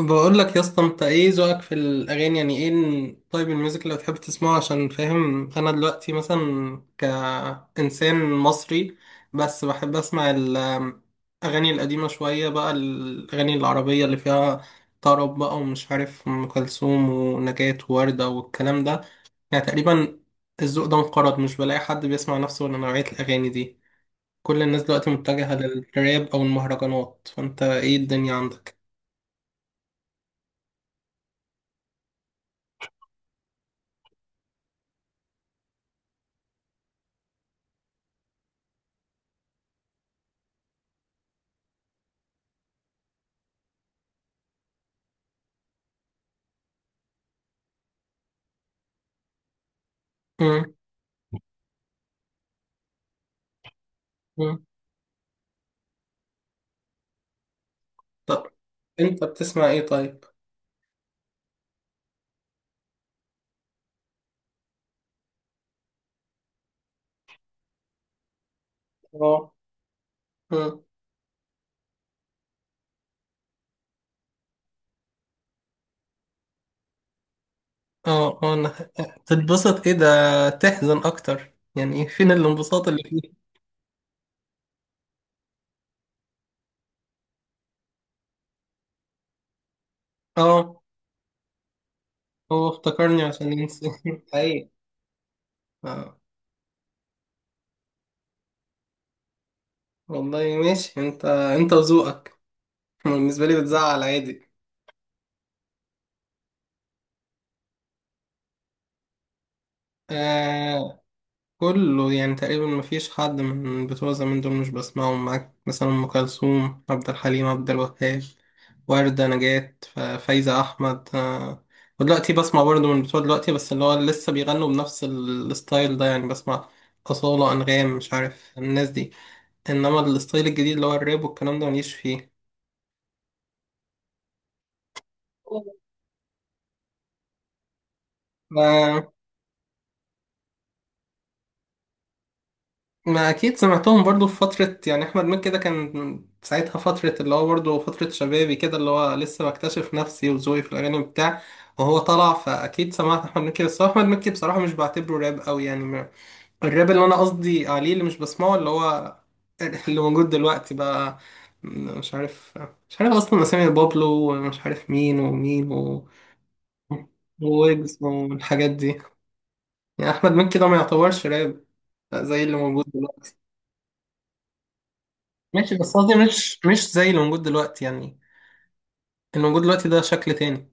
بقول لك يا اسطى، انت ايه ذوقك في الاغاني؟ يعني ايه طيب الميوزك اللي بتحب تسمعه؟ عشان فاهم انا دلوقتي، مثلا كانسان مصري، بس بحب اسمع الاغاني القديمه شويه، بقى الاغاني العربيه اللي فيها طرب بقى، ومش عارف، ام كلثوم ونجاة ووردة والكلام ده. يعني تقريبا الذوق ده انقرض، مش بلاقي حد بيسمع نفسه ولا نوعيه الاغاني دي. كل الناس دلوقتي متجهه للراب او المهرجانات. فانت ايه الدنيا عندك؟ مم. طب انت بتسمع ايه طيب؟ اه. مم. اه، اه، انا تتبسط ايه ده؟ تحزن اكتر يعني، ايه؟ فين الانبساط اللي فيه؟ اه. هو افتكرني عشان ينسى اي. اه، والله ماشي، انت وذوقك. بالنسبه لي بتزعل عادي. آه، كله يعني تقريبا، مفيش حد من بتوع زمان دول مش بسمعهم معاك، مثلا أم كلثوم، عبد الحليم، عبد الوهاب، وردة، نجاة، فايزة أحمد، ودلوقتي بسمع برضه من بتوع دلوقتي، بس اللي هو لسه بيغنوا بنفس الستايل ده، يعني بسمع أصالة، أنغام، مش عارف الناس دي، إنما الستايل الجديد اللي هو الراب والكلام ده مليش فيه. ما اكيد سمعتهم برضو في فترة، يعني احمد مكي ده كان ساعتها فترة اللي هو برضو فترة شبابي كده، اللي هو لسه بكتشف نفسي وذوقي في الاغاني بتاع، وهو طلع. فاكيد سمعت احمد مكي، بس هو احمد مكي بصراحة مش بعتبره راب قوي يعني، الراب اللي انا قصدي عليه اللي مش بسمعه، اللي هو اللي موجود دلوقتي بقى، مش عارف مش عارف اصلا اسامي بابلو، ومش عارف مين ومين و... وويجز والحاجات دي. يعني احمد مكي ده ما يعتبرش راب زي اللي موجود دلوقتي. ماشي، بس قصدي مش زي اللي موجود دلوقتي يعني، اللي موجود دلوقتي ده شكل تاني.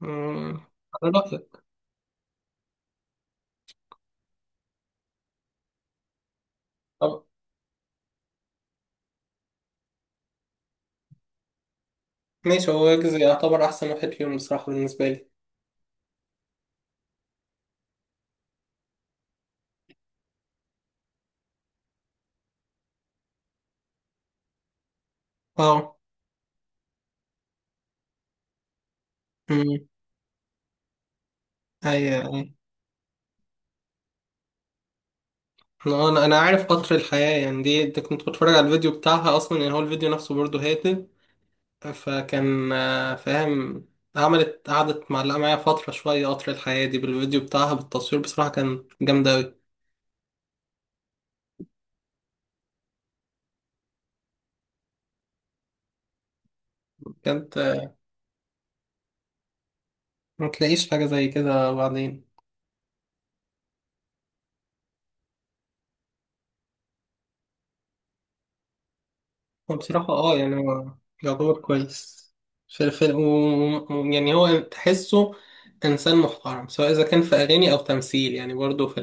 مم، على رأيك. طب ماشي، هو ويجز يعتبر أحسن واحد فيهم بصراحة بالنسبة لي. اه. مم. أيوة، أيوة، أنا أنا عارف قطر الحياة، يعني دي كنت بتفرج على الفيديو بتاعها أصلا، يعني هو الفيديو نفسه برضه هادي. فكان فاهم. عملت قعدت معلقة معايا فترة شوية، قطر الحياة دي بالفيديو بتاعها بالتصوير بصراحة كان جامدة أوي. كانت ما تلاقيش حاجة زي كده بعدين. هو بصراحة يعني هو يعتبر كويس. في يعني هو تحسه إنسان محترم، سواء إذا كان في أغاني أو تمثيل، يعني برضه في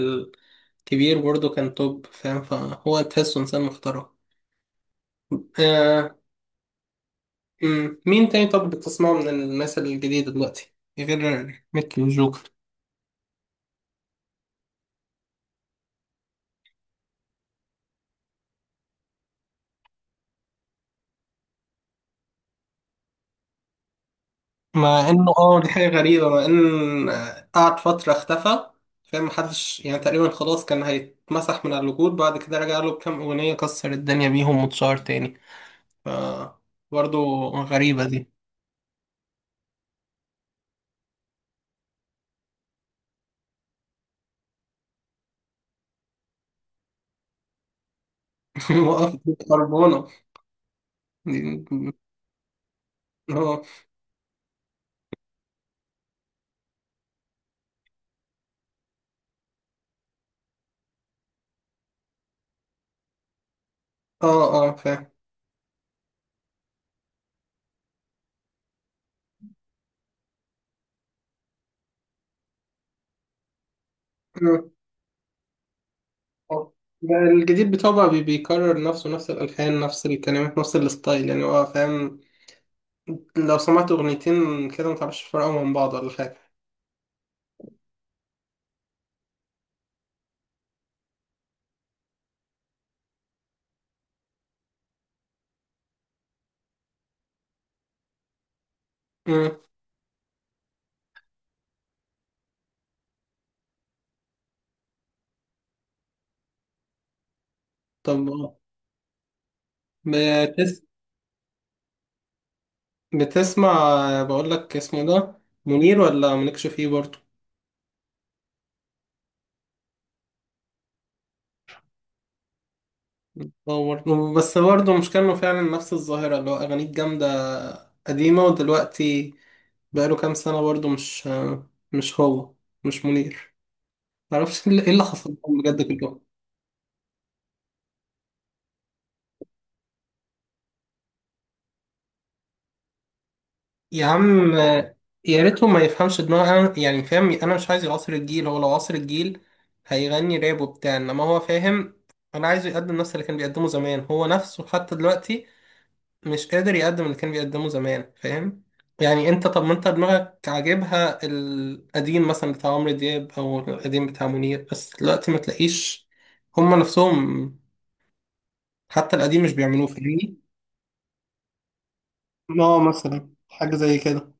الكبير برضه كان توب، فاهم، فهو تحسه إنسان محترم. آه. مين تاني طب بتسمعه من الناس الجديدة دلوقتي غير ميكي وجوكر؟ مع انه دي حاجة غريبة، مع ان قعد فترة اختفى، فاهم، محدش يعني تقريبا، خلاص كان هيتمسح من على الوجود، بعد كده رجع له بكام اغنية كسر الدنيا بيهم واتشهر تاني. ف، برضه غريبة دي. وقف دي خربانة، دي- اه، اه، اه، فاهم. مم. آه. ده الجديد بتاعه بقى، بيكرر نفسه، نفس الألحان، نفس الكلمات، نفس الستايل، يعني هو فاهم، لو سمعت أغنيتين كده متعرفش تفرقهم من بعض ولا حاجة. مم. طب بتسمع بتسمع بقول لك، اسمه ده منير ولا مالكش فيه برضه؟ اه برضه، بس برضه مش كانوا فعلا نفس الظاهرة، اللي هو أغانيه جامدة قديمة، ودلوقتي بقاله كام سنة برضه مش هو، مش منير، معرفش ايه اللي حصل لهم بجد كلهم. يا عم، يا ريتهم ما يفهمش دماغ يعني فاهم، أنا مش عايز يعاصر الجيل، هو لو عاصر الجيل هيغني راب وبتاع، إنما هو فاهم، أنا عايزه يقدم نفس اللي كان بيقدمه زمان، هو نفسه حتى دلوقتي مش قادر يقدم اللي كان بيقدمه زمان، فاهم، يعني انت، طب ما انت دماغك عاجبها القديم مثلا بتاع عمرو دياب او القديم بتاع منير، بس دلوقتي ما تلاقيش هما نفسهم حتى القديم مش بيعملوه، فاهمني؟ اه، مثلا حاجة زي كده.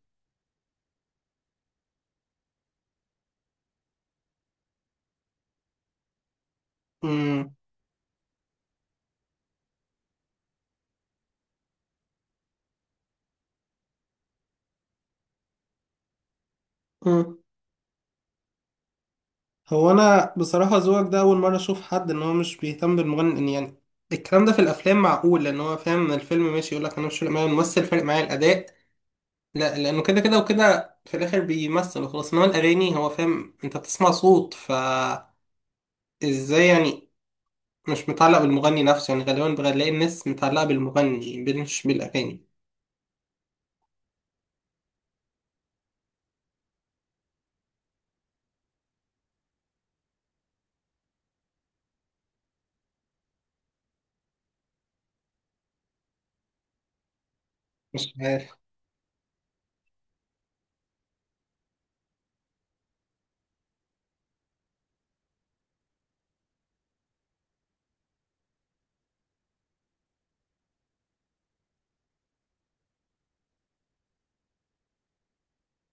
امم مم. هو انا بصراحة ذوقك ده اول مرة اشوف حد، ان هو مش بيهتم بالمغني، إن يعني الكلام ده في الافلام معقول، لان هو فاهم ان الفيلم ماشي، يقول لك انا مش فارق معايا الممثل، فارق معايا الاداء، لا لانه كده كده وكده في الاخر بيمثل وخلاص، انما الاغاني هو فاهم، انت بتسمع صوت، فازاي يعني مش متعلق بالمغني نفسه؟ يعني غالبا بلاقي الناس متعلقه بالمغني مش بالاغاني، مش عارف،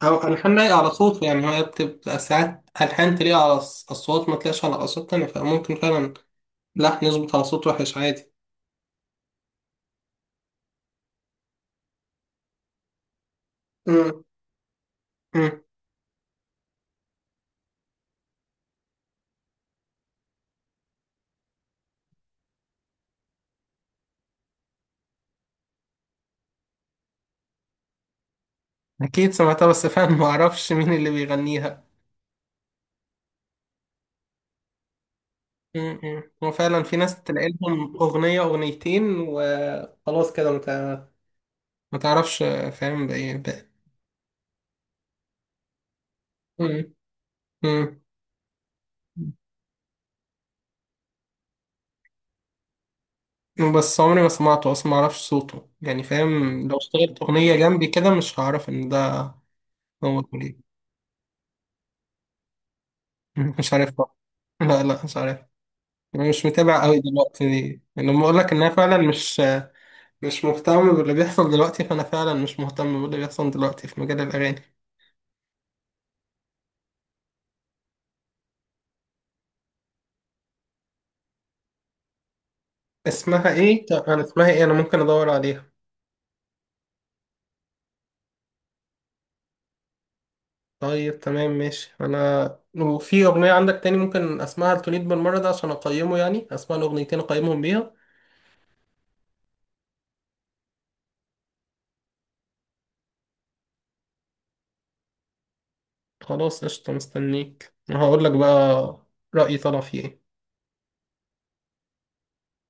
او الحان لايقه على صوته، يعني هي بتبقى ساعات الحان تليق على الصوت، ما تليقش على اصوات تانية، فممكن فعلا لحن يظبط على صوت وحش عادي. أمم، أمم. اكيد سمعتها، بس فعلا ما اعرفش مين اللي بيغنيها. م-م. هو فعلا في ناس تلاقي لهم أغنية أغنيتين وخلاص كده مت... ما تعرفش، فاهم بإيه بقى. م- م. بس عمري ما سمعته أصلا، ما أعرفش صوته، يعني فاهم، لو اشتغلت أغنية جنبي كده مش هعرف إن ده هو كليب، مش عارف بقى. لا، لا، مش عارف، أنا مش متابع أوي دلوقتي دي، يعني لما أقول لك إن أنا فعلا مش مهتم باللي بيحصل دلوقتي، فأنا فعلا مش مهتم باللي بيحصل دلوقتي في مجال الأغاني. اسمها إيه؟ أنا اسمها إيه؟ أنا ممكن أدور عليها. طيب تمام ماشي، انا وفي اغنيه عندك تاني ممكن اسمعها لتوليد بالمره ده عشان اقيمه، يعني اسمع الاغنيتين اقيمهم بيها. خلاص قشطه، مستنيك هقول لك بقى رايي طلع فيه ايه.